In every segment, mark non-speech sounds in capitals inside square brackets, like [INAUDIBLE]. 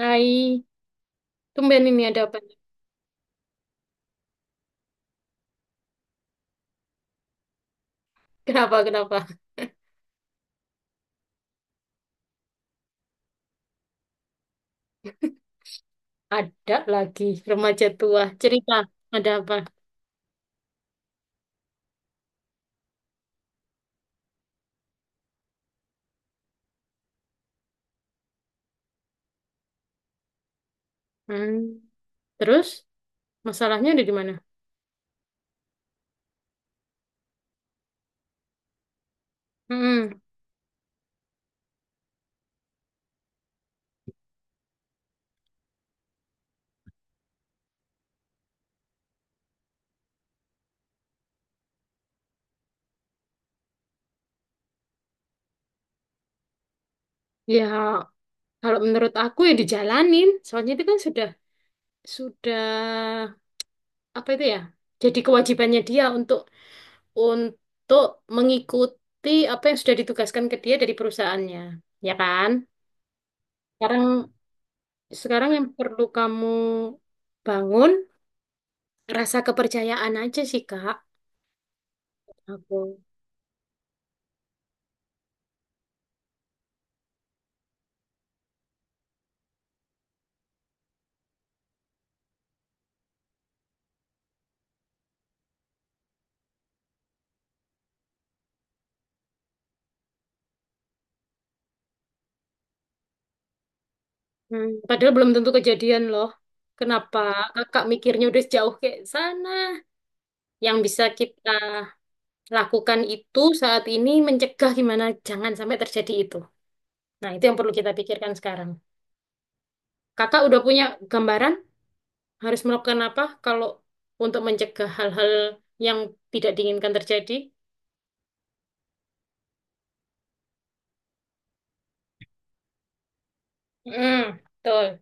Hai, tumben ini ada apa nih? Kenapa, kenapa? Ada lagi remaja tua. Cerita, ada apa? Hmm. Terus, masalahnya ada di mana? Hmm. Ya, kalau menurut aku ya dijalanin. Soalnya itu kan sudah, apa itu ya? Jadi kewajibannya dia untuk mengikuti apa yang sudah ditugaskan ke dia dari perusahaannya. Ya kan? Sekarang, sekarang, yang perlu kamu bangun rasa kepercayaan aja sih, Kak. Aku. Padahal belum tentu kejadian loh. Kenapa kakak mikirnya udah sejauh kayak sana? Yang bisa kita lakukan itu saat ini mencegah gimana jangan sampai terjadi itu. Nah, itu yang perlu kita pikirkan sekarang. Kakak udah punya gambaran harus melakukan apa kalau untuk mencegah hal-hal yang tidak diinginkan terjadi? Hmm, betul.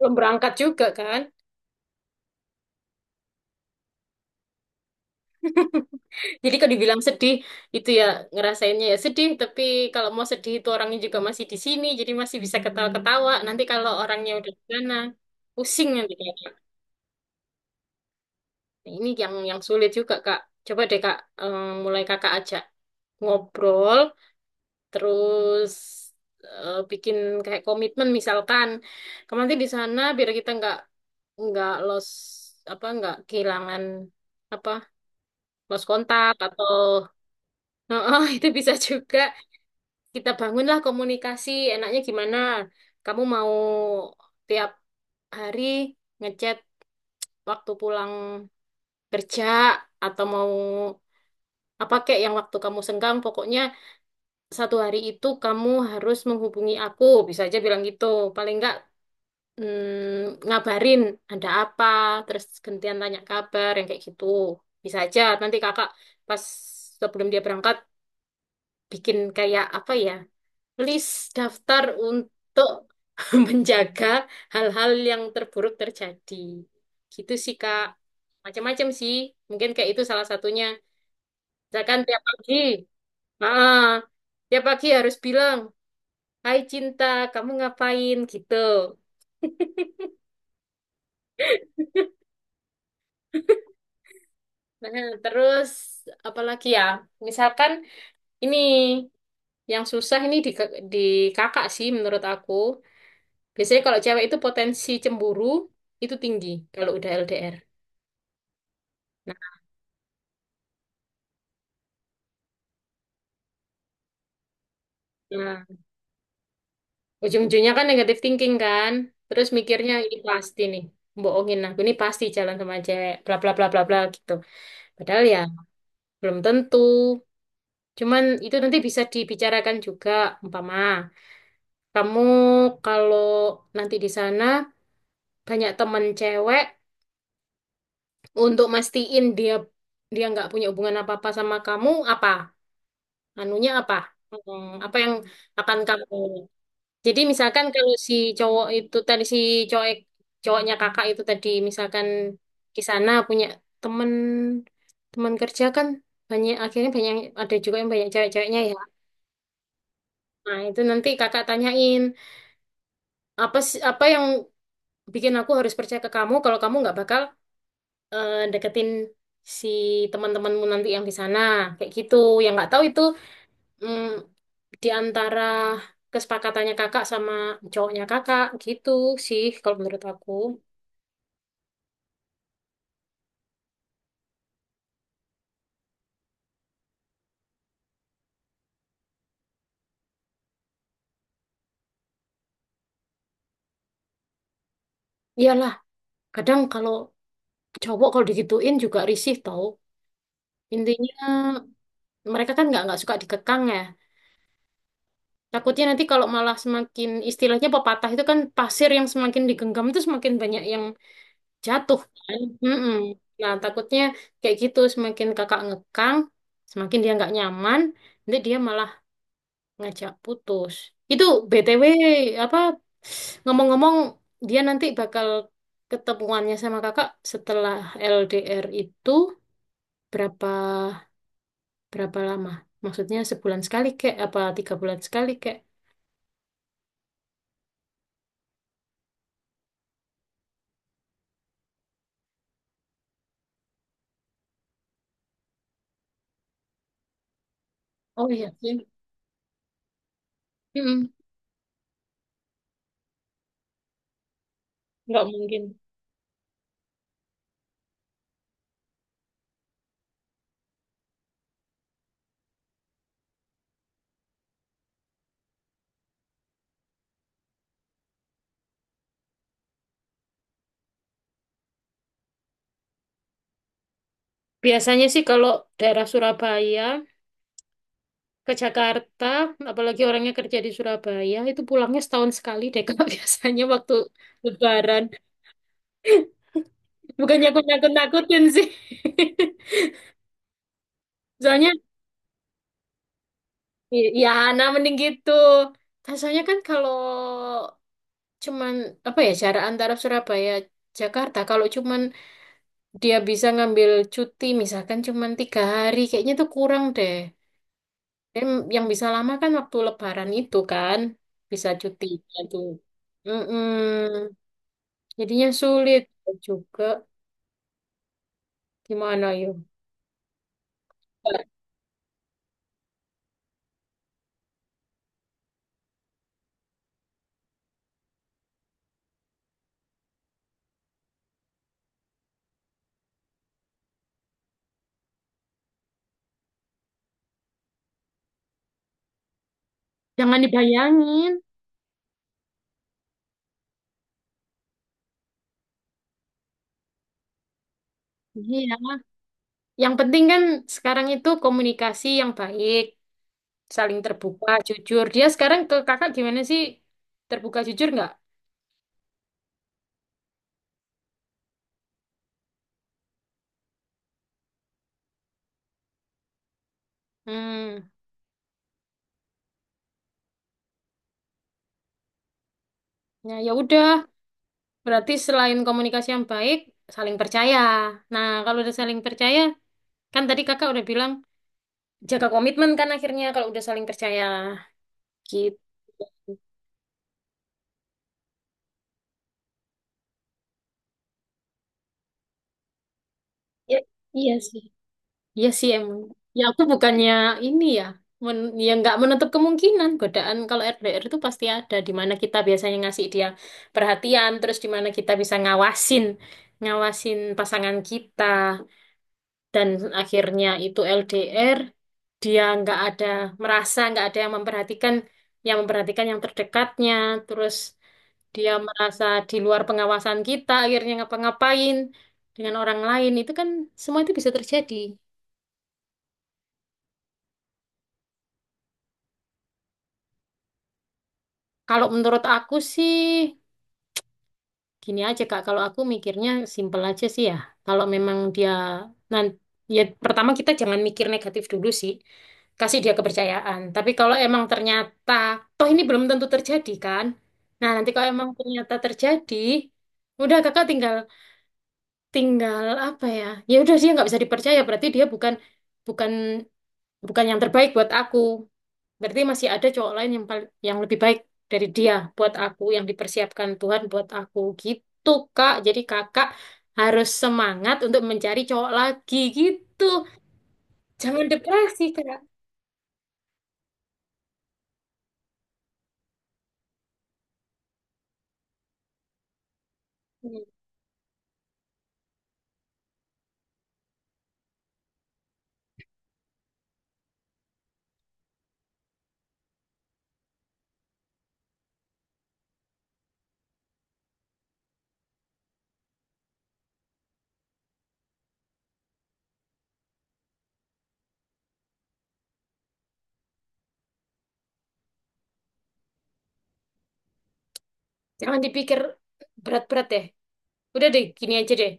Belum berangkat juga kan? [LAUGHS] Jadi kalau dibilang sedih itu ya ngerasainnya ya sedih, tapi kalau mau sedih itu orangnya juga masih di sini, jadi masih bisa ketawa-ketawa. Nanti kalau orangnya udah di sana, pusing nanti kayaknya. Nah, ini yang sulit juga, Kak. Coba deh Kak, mulai Kakak ajak ngobrol, terus bikin kayak komitmen misalkan. Kamu nanti di sana biar kita nggak los apa nggak kehilangan apa los kontak atau [LAUGHS] Oh, itu bisa juga. Kita bangunlah komunikasi, enaknya gimana? Kamu mau tiap hari ngechat waktu pulang kerja, atau mau apa kayak yang waktu kamu senggang. Pokoknya satu hari itu kamu harus menghubungi aku, bisa aja bilang gitu. Paling enggak ngabarin ada apa, terus gantian tanya kabar yang kayak gitu. Bisa aja nanti kakak pas sebelum dia berangkat bikin kayak apa ya, please daftar untuk [LAUGHS] menjaga hal-hal yang terburuk terjadi. Gitu sih, Kak. Macam-macam sih. Mungkin kayak itu salah satunya. Misalkan ah, tiap pagi harus bilang, "Hai cinta, kamu ngapain?" Gitu. Nah, terus apalagi ya? Misalkan ini yang susah ini di kakak sih menurut aku. Biasanya kalau cewek itu potensi cemburu itu tinggi kalau udah LDR. Nah, ujung-ujungnya kan negatif thinking kan. Terus mikirnya ini pasti nih. Bohongin aku ini pasti jalan sama cewek. Bla bla bla bla bla gitu. Padahal ya belum tentu. Cuman itu nanti bisa dibicarakan juga umpama. Kamu kalau nanti di sana banyak temen cewek, untuk mastiin dia dia nggak punya hubungan apa-apa sama kamu apa? Anunya apa? Apa yang akan kamu? Jadi misalkan kalau si cowok itu tadi si cowok cowoknya kakak itu tadi misalkan di sana punya temen teman kerja kan banyak, akhirnya banyak, ada juga yang banyak cewek-ceweknya ya. Nah itu nanti kakak tanyain apa yang bikin aku harus percaya ke kamu kalau kamu nggak bakal deketin si teman-temanmu nanti yang di sana kayak gitu. Yang nggak tahu itu mm, di antara kesepakatannya kakak sama cowoknya kakak gitu sih kalau menurut aku. Iyalah, kadang kalau cowok kalau digituin juga risih tau. Intinya mereka kan nggak suka dikekang ya. Takutnya nanti kalau malah semakin istilahnya pepatah itu kan pasir yang semakin digenggam itu semakin banyak yang jatuh kan. Mm-mm. Nah takutnya kayak gitu semakin kakak ngekang, semakin dia nggak nyaman, nanti dia malah ngajak putus. Itu BTW apa ngomong-ngomong dia nanti bakal ketemuannya sama kakak setelah LDR itu berapa berapa lama? Maksudnya sebulan sekali kek apa tiga bulan sekali kek? Oh iya sih. Mm-mm. Nggak mungkin. Biasanya sih kalau daerah Surabaya ke Jakarta, apalagi orangnya kerja di Surabaya, itu pulangnya setahun sekali deh Kak, [LAUGHS] biasanya waktu Lebaran. Bukannya aku nakut-nakutin sih. [LAUGHS] Soalnya, ya nah mending gitu. Nah, soalnya kan kalau cuman, apa ya, jarak antara Surabaya Jakarta, kalau cuman dia bisa ngambil cuti misalkan cuma tiga hari kayaknya itu kurang deh. Dan yang bisa lama kan waktu lebaran itu kan bisa cuti itu. Mm-mm. Jadinya sulit juga, gimana yuk? Jangan dibayangin. Iya, yang penting kan sekarang itu komunikasi yang baik, saling terbuka jujur. Dia sekarang ke kakak gimana sih, terbuka jujur nggak? Hmm. Ya, ya udah. Berarti selain komunikasi yang baik, saling percaya. Nah, kalau udah saling percaya, kan tadi kakak udah bilang jaga komitmen kan akhirnya kalau udah saling percaya. Gitu. Ya, iya sih. Iya sih emang. Ya aku bukannya ini ya, men ya nggak menutup kemungkinan godaan kalau RDR itu pasti ada. Di mana kita biasanya ngasih dia perhatian, terus di mana kita bisa ngawasin pasangan kita, dan akhirnya itu LDR. Dia nggak ada merasa nggak ada yang memperhatikan yang terdekatnya, terus dia merasa di luar pengawasan kita akhirnya ngapa-ngapain dengan orang lain, itu kan semua itu bisa terjadi. Kalau menurut aku sih gini aja Kak, kalau aku mikirnya simpel aja sih ya. Kalau memang dia nanti ya pertama kita jangan mikir negatif dulu sih. Kasih dia kepercayaan. Tapi kalau emang ternyata toh ini belum tentu terjadi kan. Nah, nanti kalau emang ternyata terjadi, udah Kakak tinggal tinggal apa ya? Ya udah dia nggak bisa dipercaya berarti dia bukan bukan bukan yang terbaik buat aku. Berarti masih ada cowok lain yang yang lebih baik dari dia buat aku, yang dipersiapkan Tuhan buat aku gitu, Kak. Jadi kakak harus semangat untuk mencari cowok lagi gitu. Jangan depresi, Kak. Hmm. Jangan dipikir berat-berat deh. Udah deh, gini aja deh.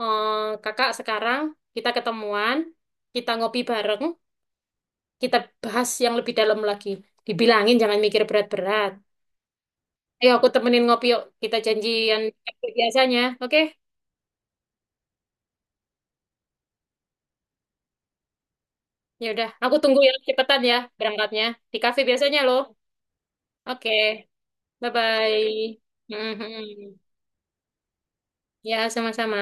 Eh, kakak sekarang kita ketemuan, kita ngopi bareng, kita bahas yang lebih dalam lagi. Dibilangin jangan mikir berat-berat. Ayo aku temenin ngopi yuk. Kita janjian kayak biasanya, oke? Ya udah, aku tunggu ya cepetan ya berangkatnya di kafe biasanya loh. Oke, bye bye. Ya, sama-sama.